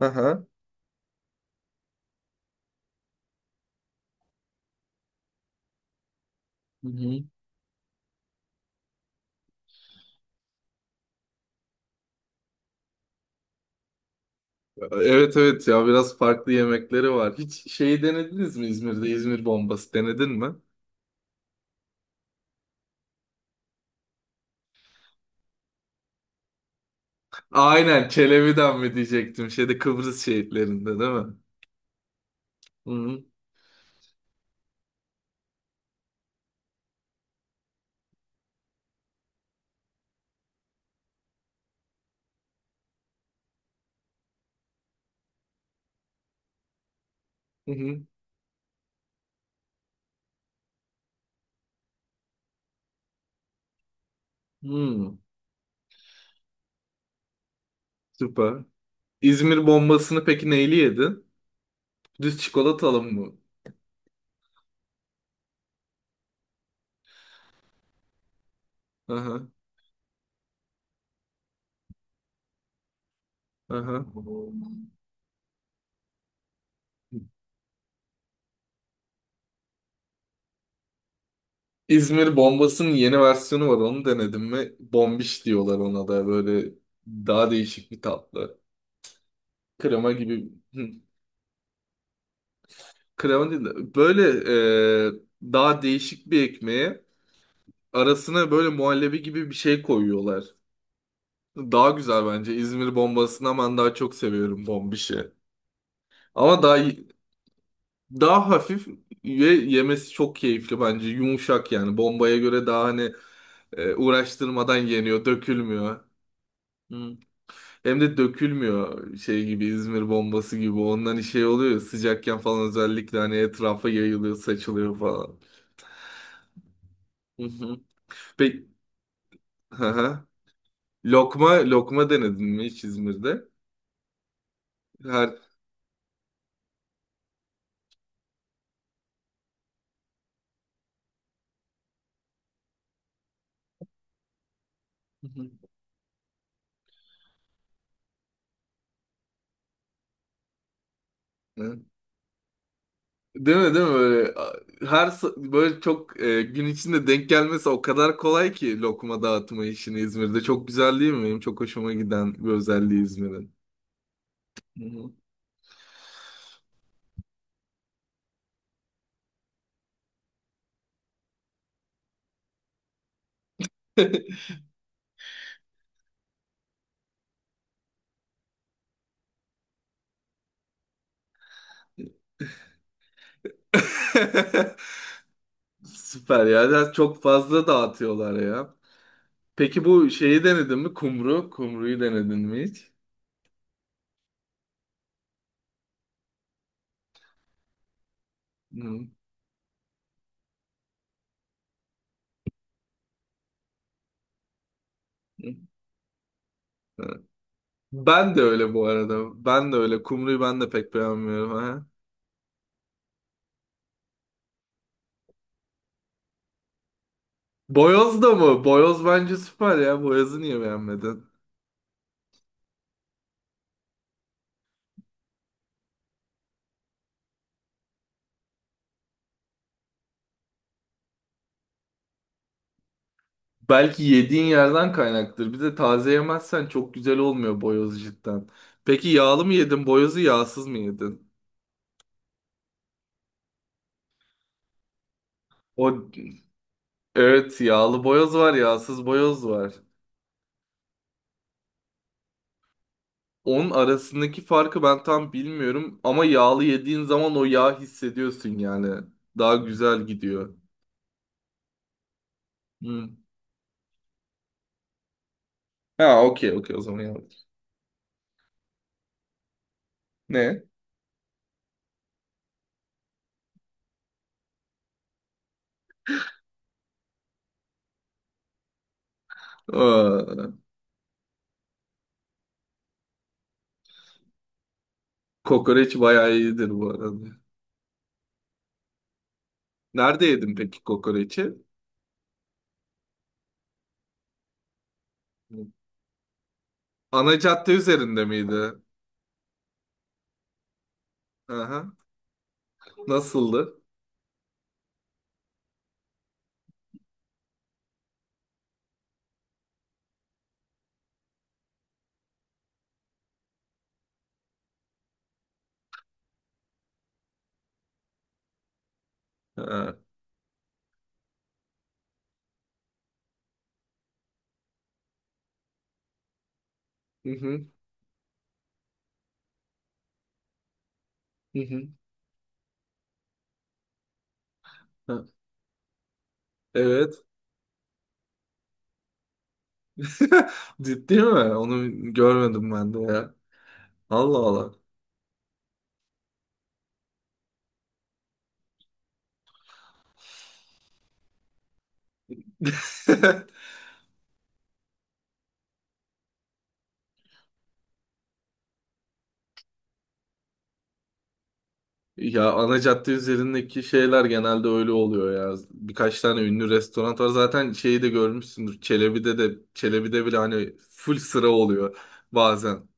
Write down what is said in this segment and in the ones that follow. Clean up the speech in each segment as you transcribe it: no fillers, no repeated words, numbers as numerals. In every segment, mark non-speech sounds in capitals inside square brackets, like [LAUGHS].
Aha. Hı hı. Evet, evet, ya biraz farklı yemekleri var. Hiç şeyi denediniz mi İzmir'de? İzmir bombası denedin mi? Aynen, Çelebi'den mi diyecektim. Şeyde Kıbrıs şehitlerinde değil mi? Hı hı. Hı hı. Hmm. Süper. İzmir bombasını peki neyle yedin? Düz çikolatalı mı? Aha. Aha. İzmir bombasının yeni versiyonu var. Onu denedin mi? Bombiş diyorlar ona da, böyle daha değişik bir tatlı. Krema gibi. Krema değil de böyle, e, daha değişik bir ekmeğe arasına böyle muhallebi gibi bir şey koyuyorlar. Daha güzel bence. İzmir bombasından ben daha çok seviyorum bombişi. Ama daha hafif ve yemesi çok keyifli bence. Yumuşak yani. Bombaya göre daha hani uğraştırmadan yeniyor, dökülmüyor. Hı. Hem de dökülmüyor şey gibi, İzmir bombası gibi. Ondan şey oluyor ya, sıcakken falan özellikle hani etrafa yayılıyor, saçılıyor falan. Hı hı. Peki Hı hı. Lokma, lokma denedin mi hiç İzmir'de? Her Hı hı. Hı. Değil mi, değil mi, böyle böyle çok gün içinde denk gelmesi o kadar kolay ki lokma dağıtma işini İzmir'de, çok güzel değil mi? Benim çok hoşuma giden bir özelliği İzmir'in. Hı hı. [LAUGHS] Süper ya. Ya çok fazla dağıtıyorlar ya. Peki bu şeyi denedin mi? Kumru, kumruyu denedin mi hiç? Hı. Hı. Ben de öyle bu arada. Ben de öyle. Kumruyu ben de pek beğenmiyorum, ha. Boyoz da mı? Boyoz bence süper ya. Boyoz'u niye beğenmedin? Belki yediğin yerden kaynaktır. Bir de taze yemezsen çok güzel olmuyor boyoz, cidden. Peki yağlı mı yedin? Boyozu yağsız mı yedin? O, evet, yağlı boyoz var, yağsız boyoz var. Onun arasındaki farkı ben tam bilmiyorum ama yağlı yediğin zaman o yağ hissediyorsun yani. Daha güzel gidiyor. Hı. Ha, okey, okey, o zaman yağlı. Ne? Aa, kokoreç bayağı iyidir bu arada. Nerede yedin peki kokoreçi? Ana cadde üzerinde miydi? Aha. Nasıldı? Ha. Hı hı. Hı hı. Ha. Evet. [LAUGHS] Ciddi mi? Onu görmedim ben de ya. Allah Allah. [LAUGHS] Ya ana cadde üzerindeki şeyler genelde öyle oluyor ya. Birkaç tane ünlü restoran var. Zaten şeyi de görmüşsündür. Çelebi'de bile hani full sıra oluyor bazen.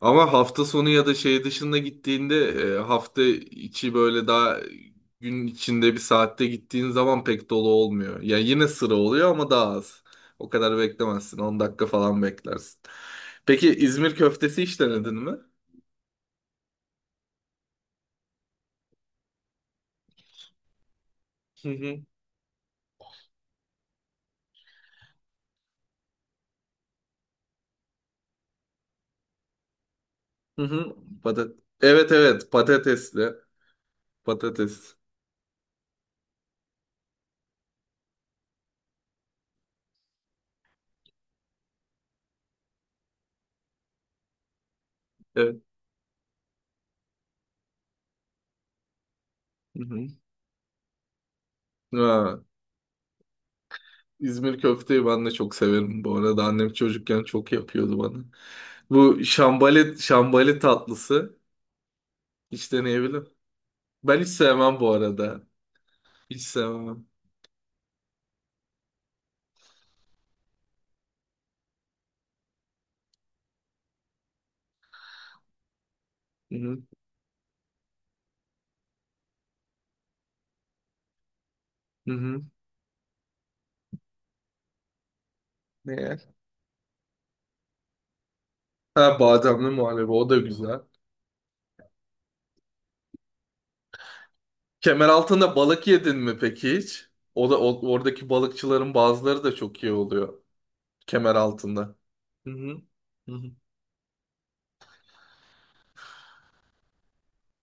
Ama hafta sonu ya da şey dışında gittiğinde, hafta içi böyle daha gün içinde bir saatte gittiğin zaman pek dolu olmuyor. Yani yine sıra oluyor ama daha az. O kadar beklemezsin. 10 dakika falan beklersin. Peki İzmir köftesi hiç denedin mi? Hı hı. Hı hı. Evet, evet, patatesli. Patates. Evet. Hı hı. Ha, İzmir köfteyi ben de çok severim. Bu arada annem çocukken çok yapıyordu bana. Bu şambali, şambali tatlısı. Hiç deneyebilir. Ben hiç sevmem bu arada. Hiç sevmem. Hı hı. Hı hı. Ne? Yer? Ha, bademli muhallebi, o da güzel. Kemer altında balık yedin mi peki hiç? O da oradaki balıkçıların bazıları da çok iyi oluyor. Kemeraltı'nda. Hı hı. Hı hı.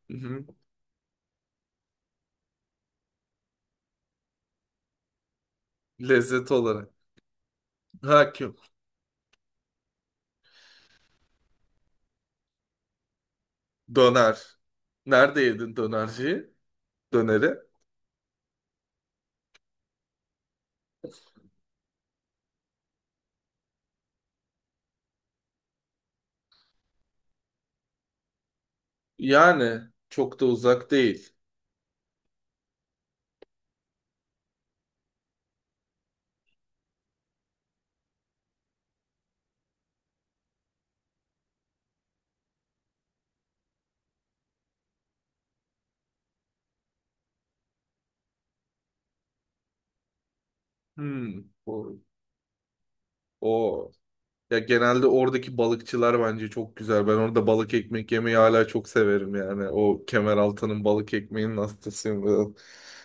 Hı hı. Lezzet olarak. Ha ki döner. Nerede yedin dönerciyi? Döneri. Yani çok da uzak değil. Hmm. O. Ya genelde oradaki balıkçılar bence çok güzel. Ben orada balık ekmek yemeyi hala çok severim yani. O Kemeraltı'nın balık ekmeğinin hastasıyım ben.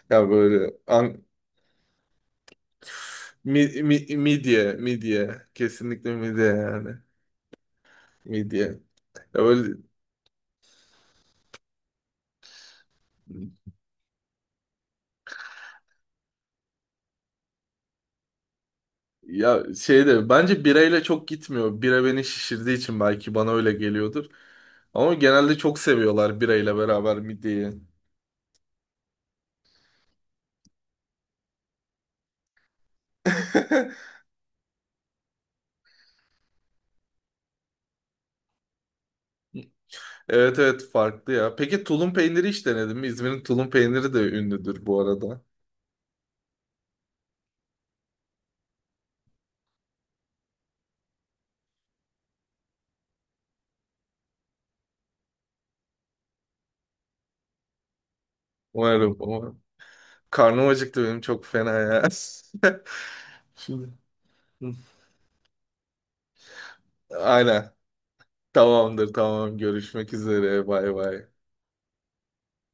Ya böyle midye, midye. Kesinlikle midye yani. Midye. Ya böyle, ya şey de bence birayla çok gitmiyor. Bira beni şişirdiği için belki bana öyle geliyordur. Ama genelde çok seviyorlar birayla beraber midyeyi. [LAUGHS] Evet, evet, farklı ya. Peki tulum peyniri hiç denedin mi? İzmir'in tulum peyniri de ünlüdür bu arada. Umarım, umarım. Karnım acıktı benim çok fena ya. [LAUGHS] Şimdi. Aynen. Tamamdır, tamam. Görüşmek üzere. Bay bay.